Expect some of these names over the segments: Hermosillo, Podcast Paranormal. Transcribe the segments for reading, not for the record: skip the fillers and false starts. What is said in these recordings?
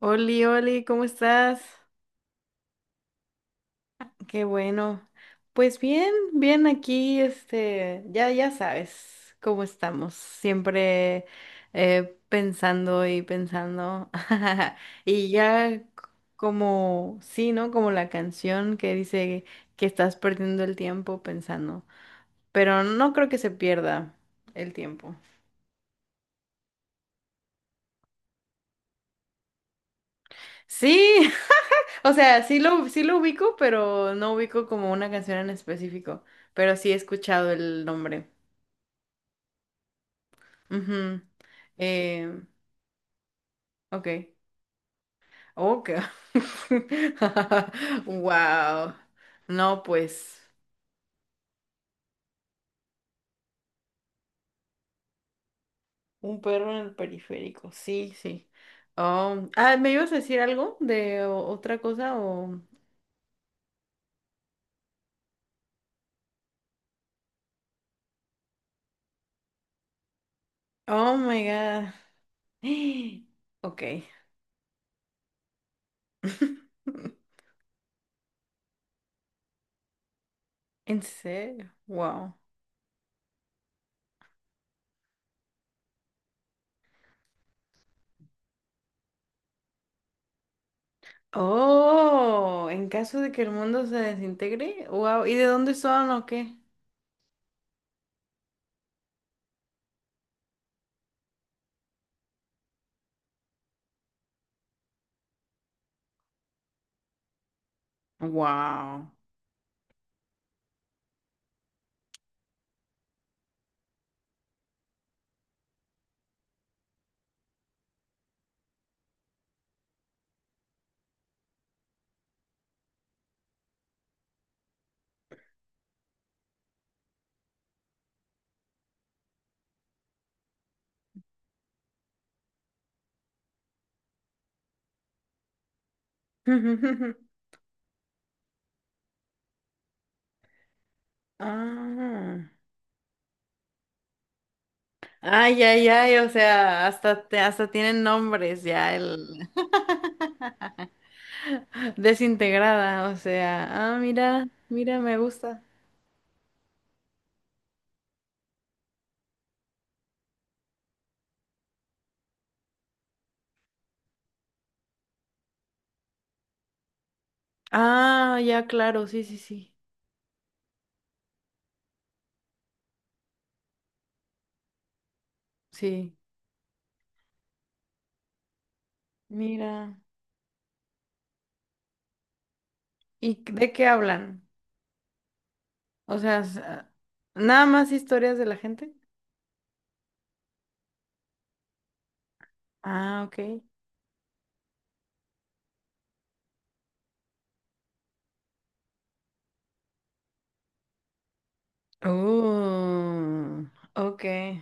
Oli, Oli, ¿cómo estás? Qué bueno. Pues bien, bien aquí, ya sabes cómo estamos, siempre pensando y pensando. Y ya c- Como, sí, ¿no? Como la canción que dice que estás perdiendo el tiempo pensando, pero no creo que se pierda el tiempo. Sí, o sea, sí lo ubico, pero no ubico como una canción en específico. Pero sí he escuchado el nombre. Ujú. Eh, ok. Ok. Wow. No, pues. Un perro en el periférico. Sí, sí. Oh. Ah, ¿me ibas a decir algo de otra cosa? O... Oh my God. Ok. ¿En serio? Wow. Oh, en caso de que el mundo se desintegre, wow, ¿y de dónde son o qué? Wow. Ah. Ay, ay, ay, o sea, hasta tienen nombres ya el desintegrada, o sea, ah, mira, mira, me gusta. Ah, ya, claro, sí, sí, sí. Sí. Mira. ¿Y de qué hablan? O sea, nada más historias de la gente. Ah, ok. Oh, ok.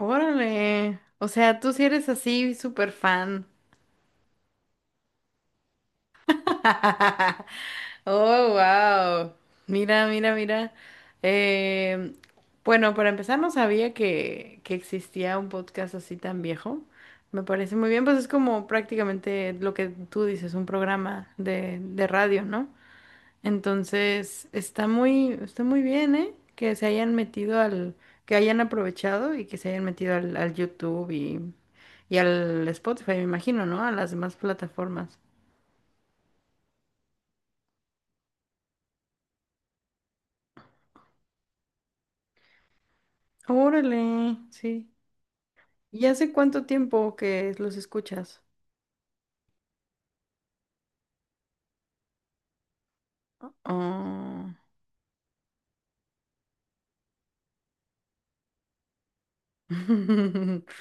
Órale. O sea, tú sí eres así súper fan. Oh, wow. Mira, mira, mira. Eh, bueno, para empezar, no sabía que existía un podcast así tan viejo. Me parece muy bien, pues es como prácticamente lo que tú dices, un programa de radio, ¿no? Entonces, está muy bien, ¿eh? Que se hayan metido al, que hayan aprovechado y que se hayan metido al, al YouTube y al Spotify, me imagino, ¿no? A las demás plataformas. Órale, sí. ¿Y hace cuánto tiempo que los escuchas? Oh.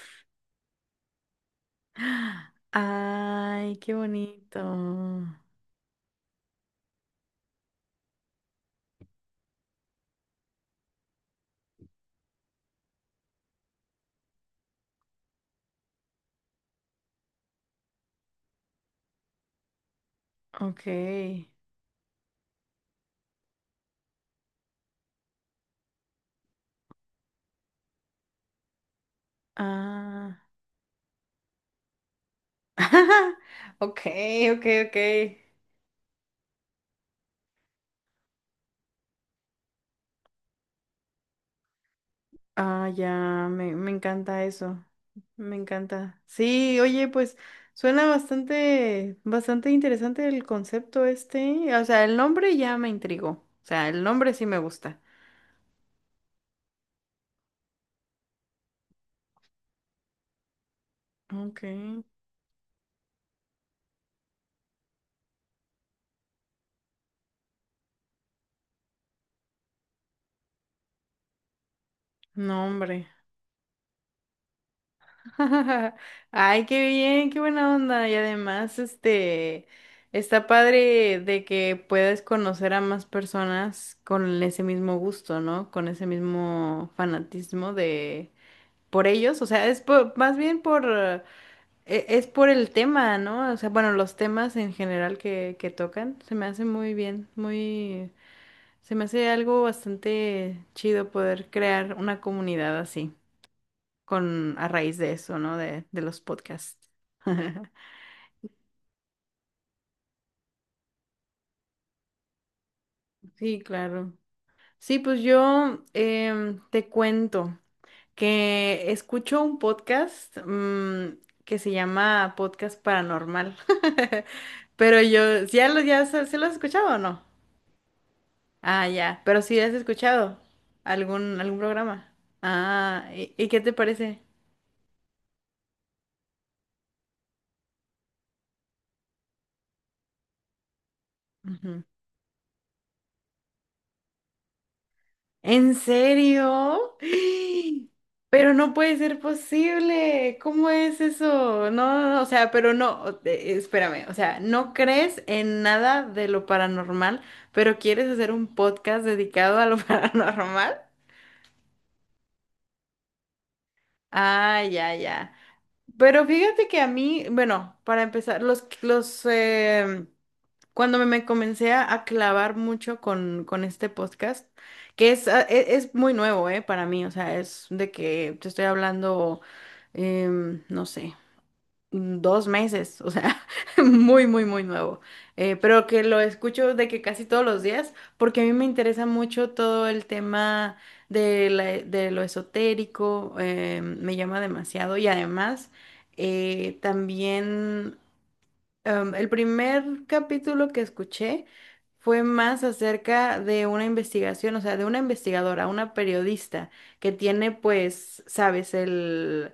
Ay, qué bonito. Ok. Ah. Ok, ok, ok. Ah, ya, me encanta eso. Me encanta. Sí, oye, pues suena bastante, bastante interesante el concepto este. O sea, el nombre ya me intrigó. O sea, el nombre sí me gusta. Ok. Nombre. Ay, qué bien, qué buena onda. Y además, está padre de que puedes conocer a más personas con ese mismo gusto, ¿no? Con ese mismo fanatismo de por ellos, o sea, más bien por, es por el tema, ¿no? O sea, bueno, los temas en general que tocan, se me hace muy bien, muy, se me hace algo bastante chido poder crear una comunidad así, con, a raíz de eso, ¿no? De los podcasts. Sí, claro. Sí, pues yo te cuento que escucho un podcast que se llama Podcast Paranormal. Pero yo, ¿sí? ¿Ya lo, ya se lo has escuchado o no? Ah, ya, pero sí has escuchado algún, algún programa. Ah, y qué te parece? ¿En serio? Pero no puede ser posible. ¿Cómo es eso? No, no, no, o sea, pero no, espérame, o sea, no crees en nada de lo paranormal, pero quieres hacer un podcast dedicado a lo paranormal. Ah, ya, ya. Pero fíjate que a mí, bueno, para empezar, cuando me comencé a clavar mucho con este podcast, que es, es muy nuevo, para mí, o sea, es de que te estoy hablando, no sé, dos meses, o sea, muy, muy, muy nuevo. Pero que lo escucho de que casi todos los días, porque a mí me interesa mucho todo el tema de, de lo esotérico, me llama demasiado y además... también, el primer capítulo que escuché fue más acerca de una investigación, o sea, de una investigadora, una periodista que tiene, pues, sabes,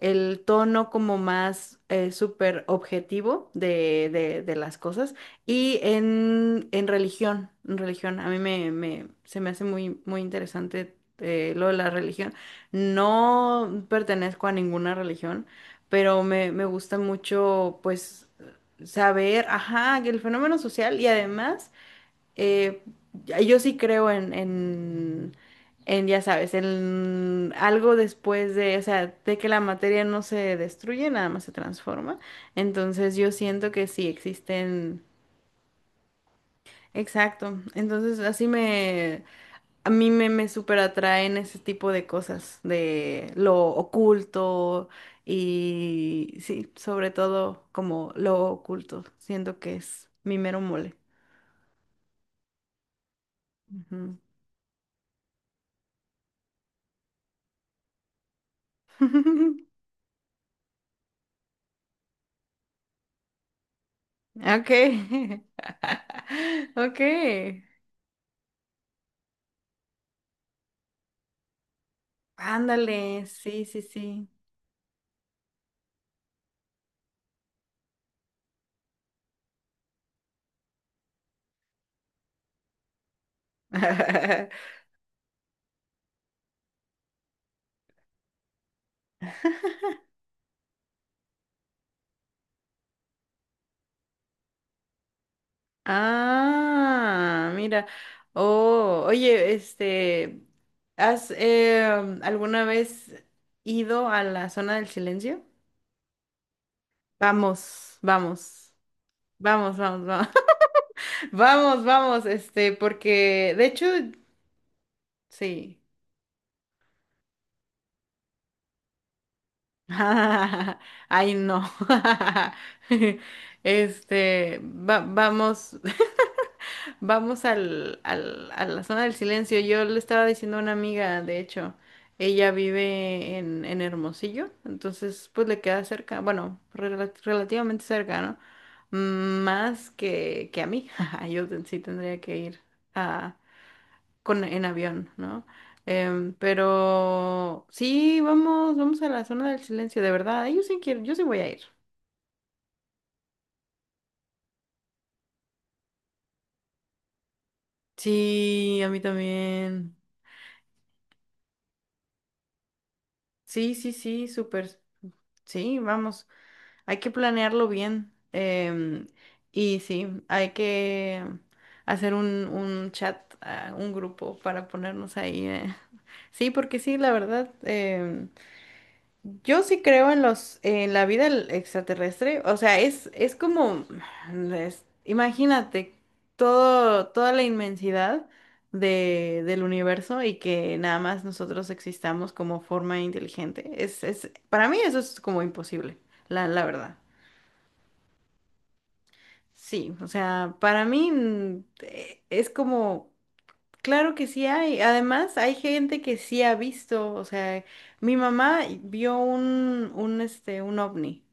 el tono como más súper objetivo de, de las cosas y en religión, a mí se me hace muy, muy interesante lo de la religión. No pertenezco a ninguna religión pero me gusta mucho, pues, saber, ajá, que el fenómeno social y además, eh, yo sí creo en, ya sabes, en algo después de, o sea, de que la materia no se destruye, nada más se transforma. Entonces yo siento que sí existen, exacto. Entonces así me, a mí me súper atraen ese tipo de cosas, de lo oculto. Y sí, sobre todo como lo oculto, siento que es mi mero mole. Ujú. Okay. Okay. Ándale, sí, sí, sí. Ah, mira. Oh, oye, ¿has alguna vez ido a la zona del silencio? Vamos, vamos, vamos, vamos, vamos, vamos, vamos, este, porque de hecho, sí. Ay, no. Este, vamos, vamos al, a la zona del silencio. Yo le estaba diciendo a una amiga, de hecho, ella vive en Hermosillo, entonces pues le queda cerca, bueno, relativamente cerca, ¿no? Más que a mí. Yo sí tendría que ir con, en avión, ¿no? Pero sí, vamos, vamos a la zona del silencio, de verdad. Yo sí quiero, yo sí voy a ir. Sí, a mí también. Sí, sí, sí, súper. Sí, vamos, hay que planearlo bien. Y sí, hay que hacer un chat, ah, un grupo para ponernos ahí. Sí, porque sí, la verdad, yo sí creo en los, en la vida extraterrestre. O sea, es como, imagínate todo, toda la inmensidad de, del universo y que nada más nosotros existamos como forma inteligente. Es, para mí eso es como imposible, la verdad. Sí, o sea, para mí es como, claro que sí hay. Además, hay gente que sí ha visto, o sea, mi mamá vio un, este, un ovni.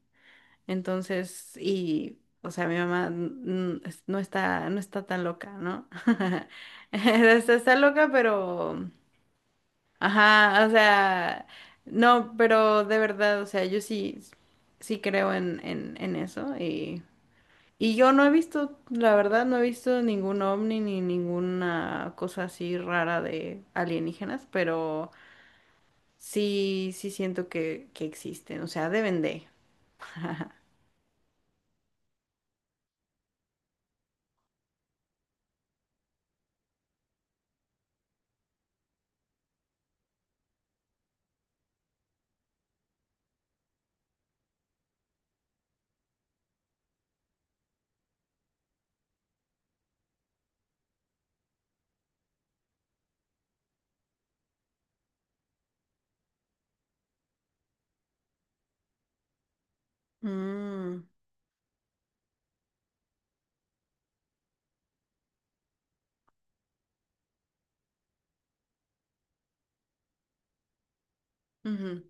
Entonces, y, o sea, mi mamá n- no está, no está tan loca, ¿no? Está, está loca, pero, ajá, o sea, no, pero de verdad, o sea, yo sí, sí creo en eso y yo no he visto, la verdad, no he visto ningún ovni ni ninguna cosa así rara de alienígenas, pero sí, sí siento que existen, o sea, deben de. Mm, ujú,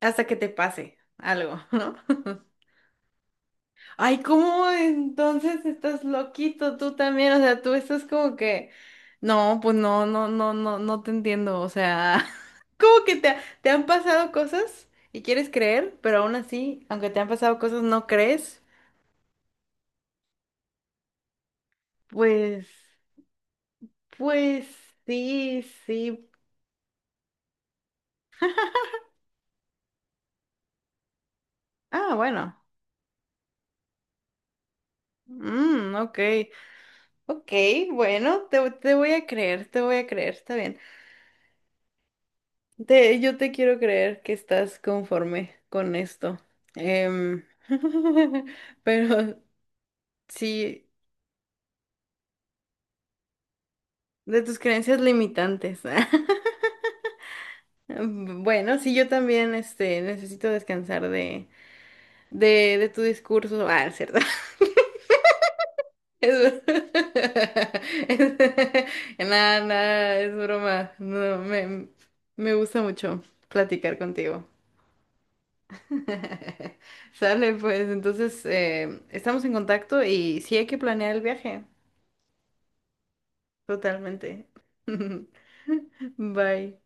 hasta que te pase algo, ¿no? Ay, ¿cómo entonces estás loquito tú también? O sea, tú estás como que, no, pues no, no, no, no, no te entiendo. O sea, como que te, te han pasado cosas y quieres creer, pero aún así, aunque te han pasado cosas, no crees. Pues, pues sí, sí. Ah, bueno. Mm, ok, ok, bueno, te voy a creer, te voy a creer, está bien. Te, yo te quiero creer que estás conforme con esto. Em, pero sí, de tus creencias limitantes. Mm, bueno, sí, yo también este, necesito descansar de tu discurso. Ah, es cierto. Es- Nada, nada, es broma. No, Me gusta mucho platicar contigo. Sale, pues, entonces estamos en contacto y sí hay que planear el viaje, totalmente. Bye.